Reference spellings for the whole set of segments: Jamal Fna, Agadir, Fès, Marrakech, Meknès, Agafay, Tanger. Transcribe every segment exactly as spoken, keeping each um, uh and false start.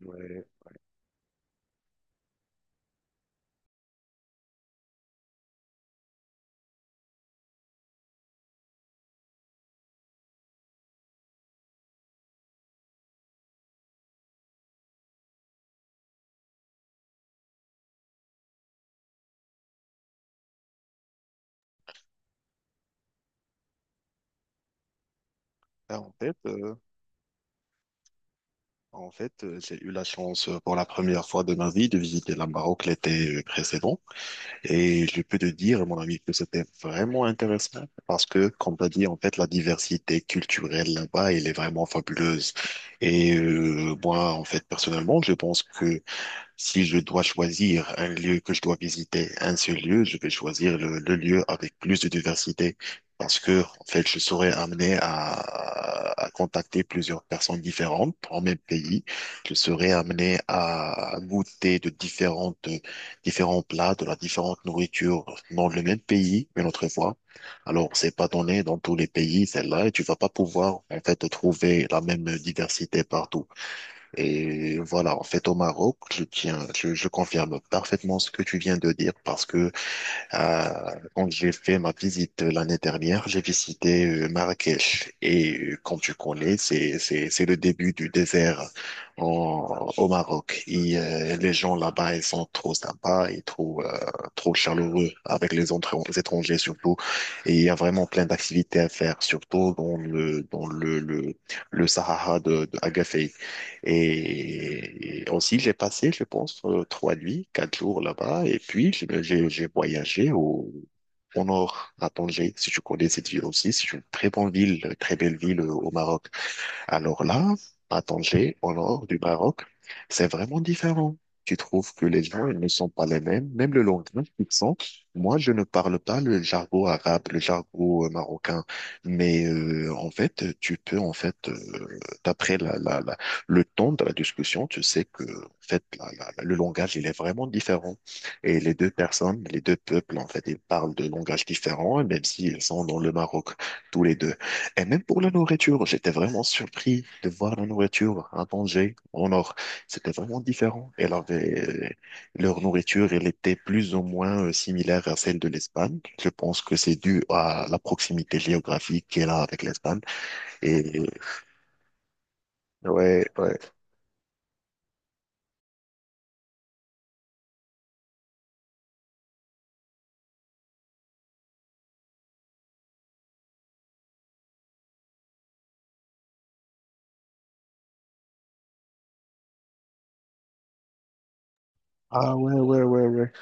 Ouais. Et en fait, euh, en fait, euh, j'ai eu la chance euh, pour la première fois de ma vie de visiter la Maroc l'été euh, précédent. Et je peux te dire, mon ami, que c'était vraiment intéressant parce que, comme tu as dit, en fait, la diversité culturelle là-bas, elle est vraiment fabuleuse. Et euh, moi, en fait, personnellement, je pense que si je dois choisir un lieu que je dois visiter, un seul lieu, je vais choisir le, le lieu avec plus de diversité parce que, en fait, je serai amené à, à contacter plusieurs personnes différentes en même pays. Je serai amené à goûter de différentes, différents plats, de la différente nourriture dans le même pays une autre fois. Alors, c'est pas donné dans tous les pays, celle-là, et tu vas pas pouvoir, en fait, trouver la même diversité partout. Et voilà, en fait, au Maroc, je tiens, je, je confirme parfaitement ce que tu viens de dire parce que euh, quand j'ai fait ma visite l'année dernière, j'ai visité euh, Marrakech et euh, comme tu connais, c'est c'est c'est le début du désert en- au Maroc. Et euh, les gens là-bas, ils sont trop sympas et trop euh, trop chaleureux avec les autres- les étrangers surtout. Et il y a vraiment plein d'activités à faire, surtout dans le dans le le, le Sahara de, de Agafay. Et et aussi, j'ai passé, je pense, euh, trois nuits, quatre jours là-bas. Et puis, je- j'ai j'ai voyagé au, au nord, à Tanger, si tu connais cette ville aussi. C'est une très bonne ville, très belle ville euh, au Maroc. Alors là, à Tanger, au nord du Maroc, c'est vraiment différent. Tu trouves que les gens ils ne sont pas les mêmes, même le langage qu'ils sont. Moi, je ne parle pas le jargon arabe, le jargon euh, marocain, mais euh, en fait, tu peux en fait, euh, d'après la, la, la- le ton de la discussion, tu sais que en fait, la- la- la- le langage il est vraiment différent. Et les deux personnes, les deux peuples en fait, ils parlent de langages différents, même s'ils sont dans le Maroc tous les deux. Et même pour la nourriture, j'étais vraiment surpris de voir la nourriture à Tanger, au nord. C'était vraiment différent. Elle avait, euh, leur nourriture, elle était plus ou moins euh, similaire à celle de l'Espagne. Je pense que c'est dû à la proximité géographique qu'elle a avec l'Espagne. Et ouais, ouais. Ah ouais, ouais, ouais, ouais.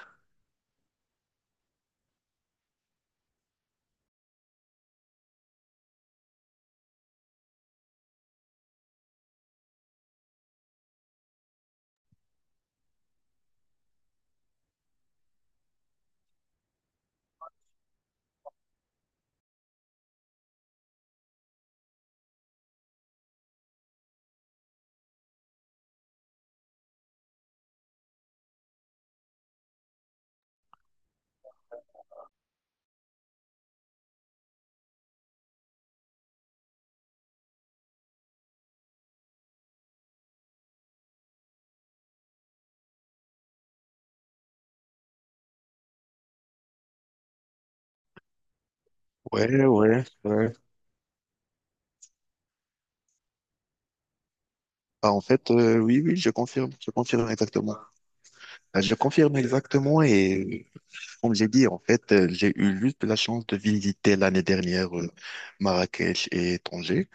Ouais, ouais, ouais. Ah, en fait, euh, oui, oui, je confirme, je confirme exactement. Euh, Je confirme exactement. Et comme j'ai dit, en fait, euh, j'ai eu juste la chance de visiter l'année dernière euh, Marrakech et Tanger.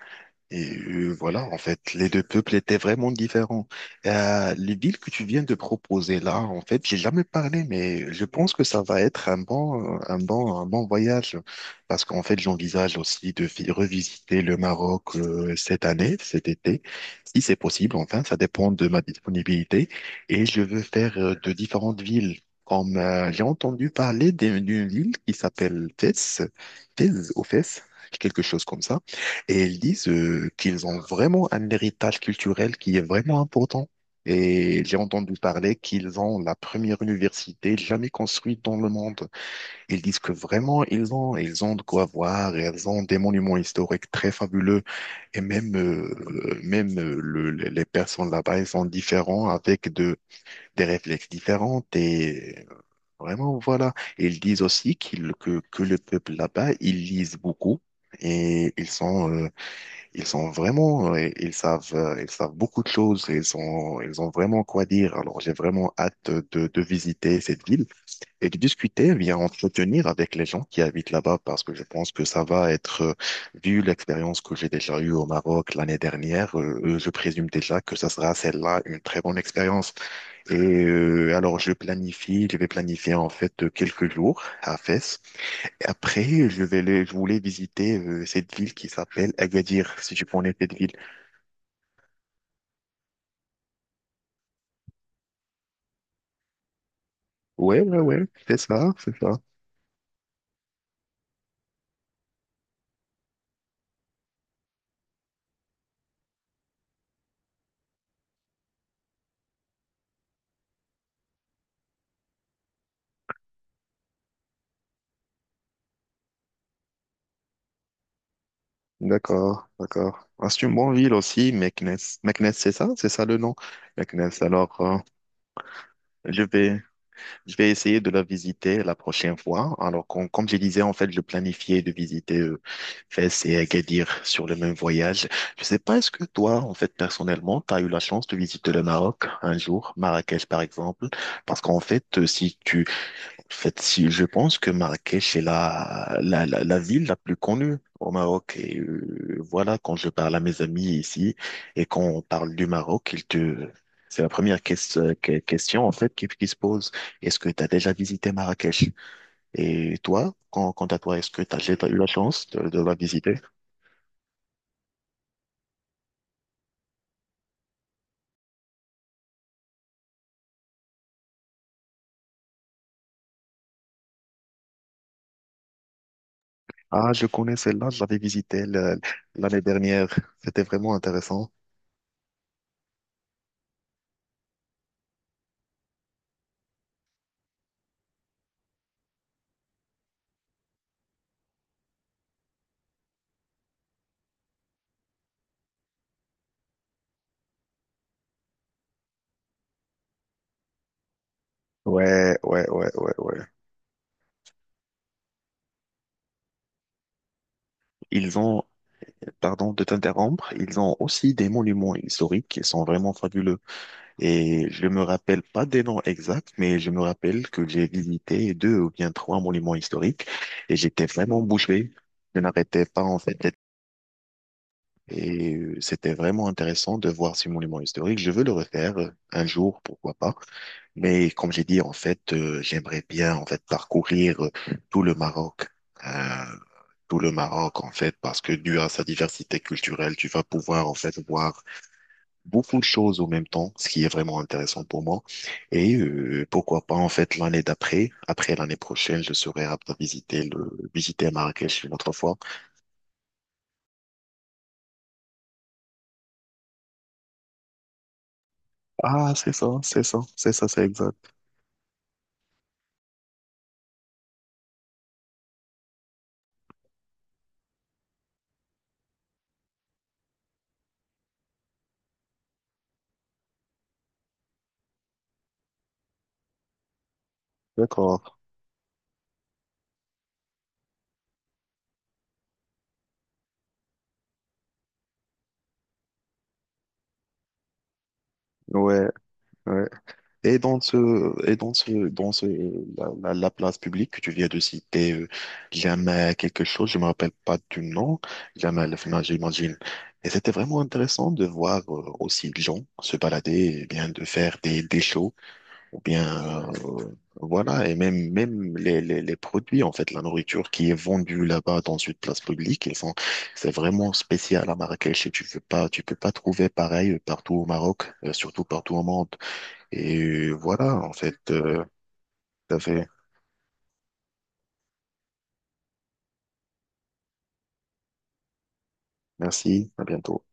Et euh, voilà, en fait, les deux peuples étaient vraiment différents. Euh, les villes que tu viens de proposer là, en fait, j'ai jamais parlé, mais je pense que ça va être un bon, un bon, un bon voyage. Parce qu'en fait, j'envisage aussi de vi- revisiter le Maroc euh, cette année, cet été, si c'est possible. Enfin, ça dépend de ma disponibilité. Et je veux faire euh, de différentes villes. Comme euh, j'ai entendu parler d'une d'une ville qui s'appelle Fès, Fès ou Fès, quelque chose comme ça. Et ils disent euh, qu'ils ont vraiment un héritage culturel qui est vraiment important. Et j'ai entendu parler qu'ils ont la première université jamais construite dans le monde. Ils disent que vraiment, ils ont, ils ont de quoi voir, ils ont des monuments historiques très fabuleux. Et même, euh, même euh, le- le- les personnes là-bas, ils sont différents avec de, des réflexes différents. Et vraiment, voilà. Ils disent aussi qu'ils, que, que le peuple là-bas, ils lisent beaucoup. Et ils sont euh, ils sont vraiment, euh, ils savent, euh, ils savent beaucoup de choses. Ils ont, ils ont vraiment quoi dire. Alors, j'ai vraiment hâte de, de visiter cette ville et de discuter, bien entretenir avec les gens qui habitent là-bas, parce que je pense que ça va être, euh, vu l'expérience que j'ai déjà eue au Maroc l'année dernière, euh, euh, je présume déjà que ça sera celle-là une très bonne expérience. Et euh, alors, je planifie, je vais planifier en fait euh, quelques jours à Fès. Et après, je vais, les- je voulais visiter euh, cette ville qui s'appelle Agadir, si tu connais cette ville. Ouais, ouais, ouais, c'est ça, c'est ça. D'accord, d'accord. Ah, c'est une bonne ville aussi, Meknès. Meknès, c'est ça, c'est ça le nom. Meknès. Alors, euh, je vais, je vais essayer de la visiter la prochaine fois. Alors, com- comme je disais, en fait, je planifiais de visiter euh, Fès et Agadir sur le même voyage. Je sais pas, est-ce que toi, en fait, personnellement, tu as eu la chance de visiter le Maroc un jour, Marrakech par exemple? Parce qu'en fait, euh, si tu En fait, si, je pense que Marrakech est la, la, la, la ville la plus connue au Maroc. Et euh, voilà, quand je parle à mes amis ici et quand on parle du Maroc, ils te... C'est la première ques- que- question en fait qui, qui se pose. Est-ce que tu as déjà visité Marrakech? Et toi, quand- quant à toi, est-ce que tu as déjà eu la chance de, de la visiter? Ah, je connais celle-là, je l'avais visitée le- l'année dernière. C'était vraiment intéressant. Ouais, ouais, ouais, ouais, ouais. Ils ont, pardon de t'interrompre, ils ont aussi des monuments historiques qui sont vraiment fabuleux. Et je me rappelle pas des noms exacts, mais je me rappelle que j'ai visité deux ou bien trois monuments historiques et j'étais vraiment bouche bée. Je n'arrêtais pas en fait. Et euh, c'était vraiment intéressant de voir ces monuments historiques. Je veux le refaire euh, un jour, pourquoi pas. Mais comme j'ai dit, en fait, euh, j'aimerais bien en fait parcourir euh, tout le Maroc, euh, tout le Maroc en fait, parce que dû à sa diversité culturelle, tu vas pouvoir en fait voir beaucoup de choses en même temps, ce qui est vraiment intéressant pour moi. Et euh, pourquoi pas en fait l'année d'après, après l'année prochaine, je serai apte à visiter le visiter Marrakech une autre fois. Ah, c'est ça, c'est ça, c'est ça, c'est exact. D'accord. Ouais, ouais. Et dans ce, et dans ce, dans ce, la, la, la place publique que tu viens de citer, euh, Jamal quelque chose, je me rappelle pas du nom, Jamal Fna, j'imagine. Et c'était vraiment intéressant de voir euh, aussi des gens se balader, et bien de faire des, des shows, ou bien, euh, voilà, et même, même les, les, les produits, en fait, la nourriture qui est vendue là-bas dans une place publique, ils sont, c'est vraiment spécial à Marrakech et tu peux pas, tu peux pas trouver pareil partout au Maroc, euh, surtout partout au monde. Et voilà, en fait, euh, tout à fait. Merci, à bientôt.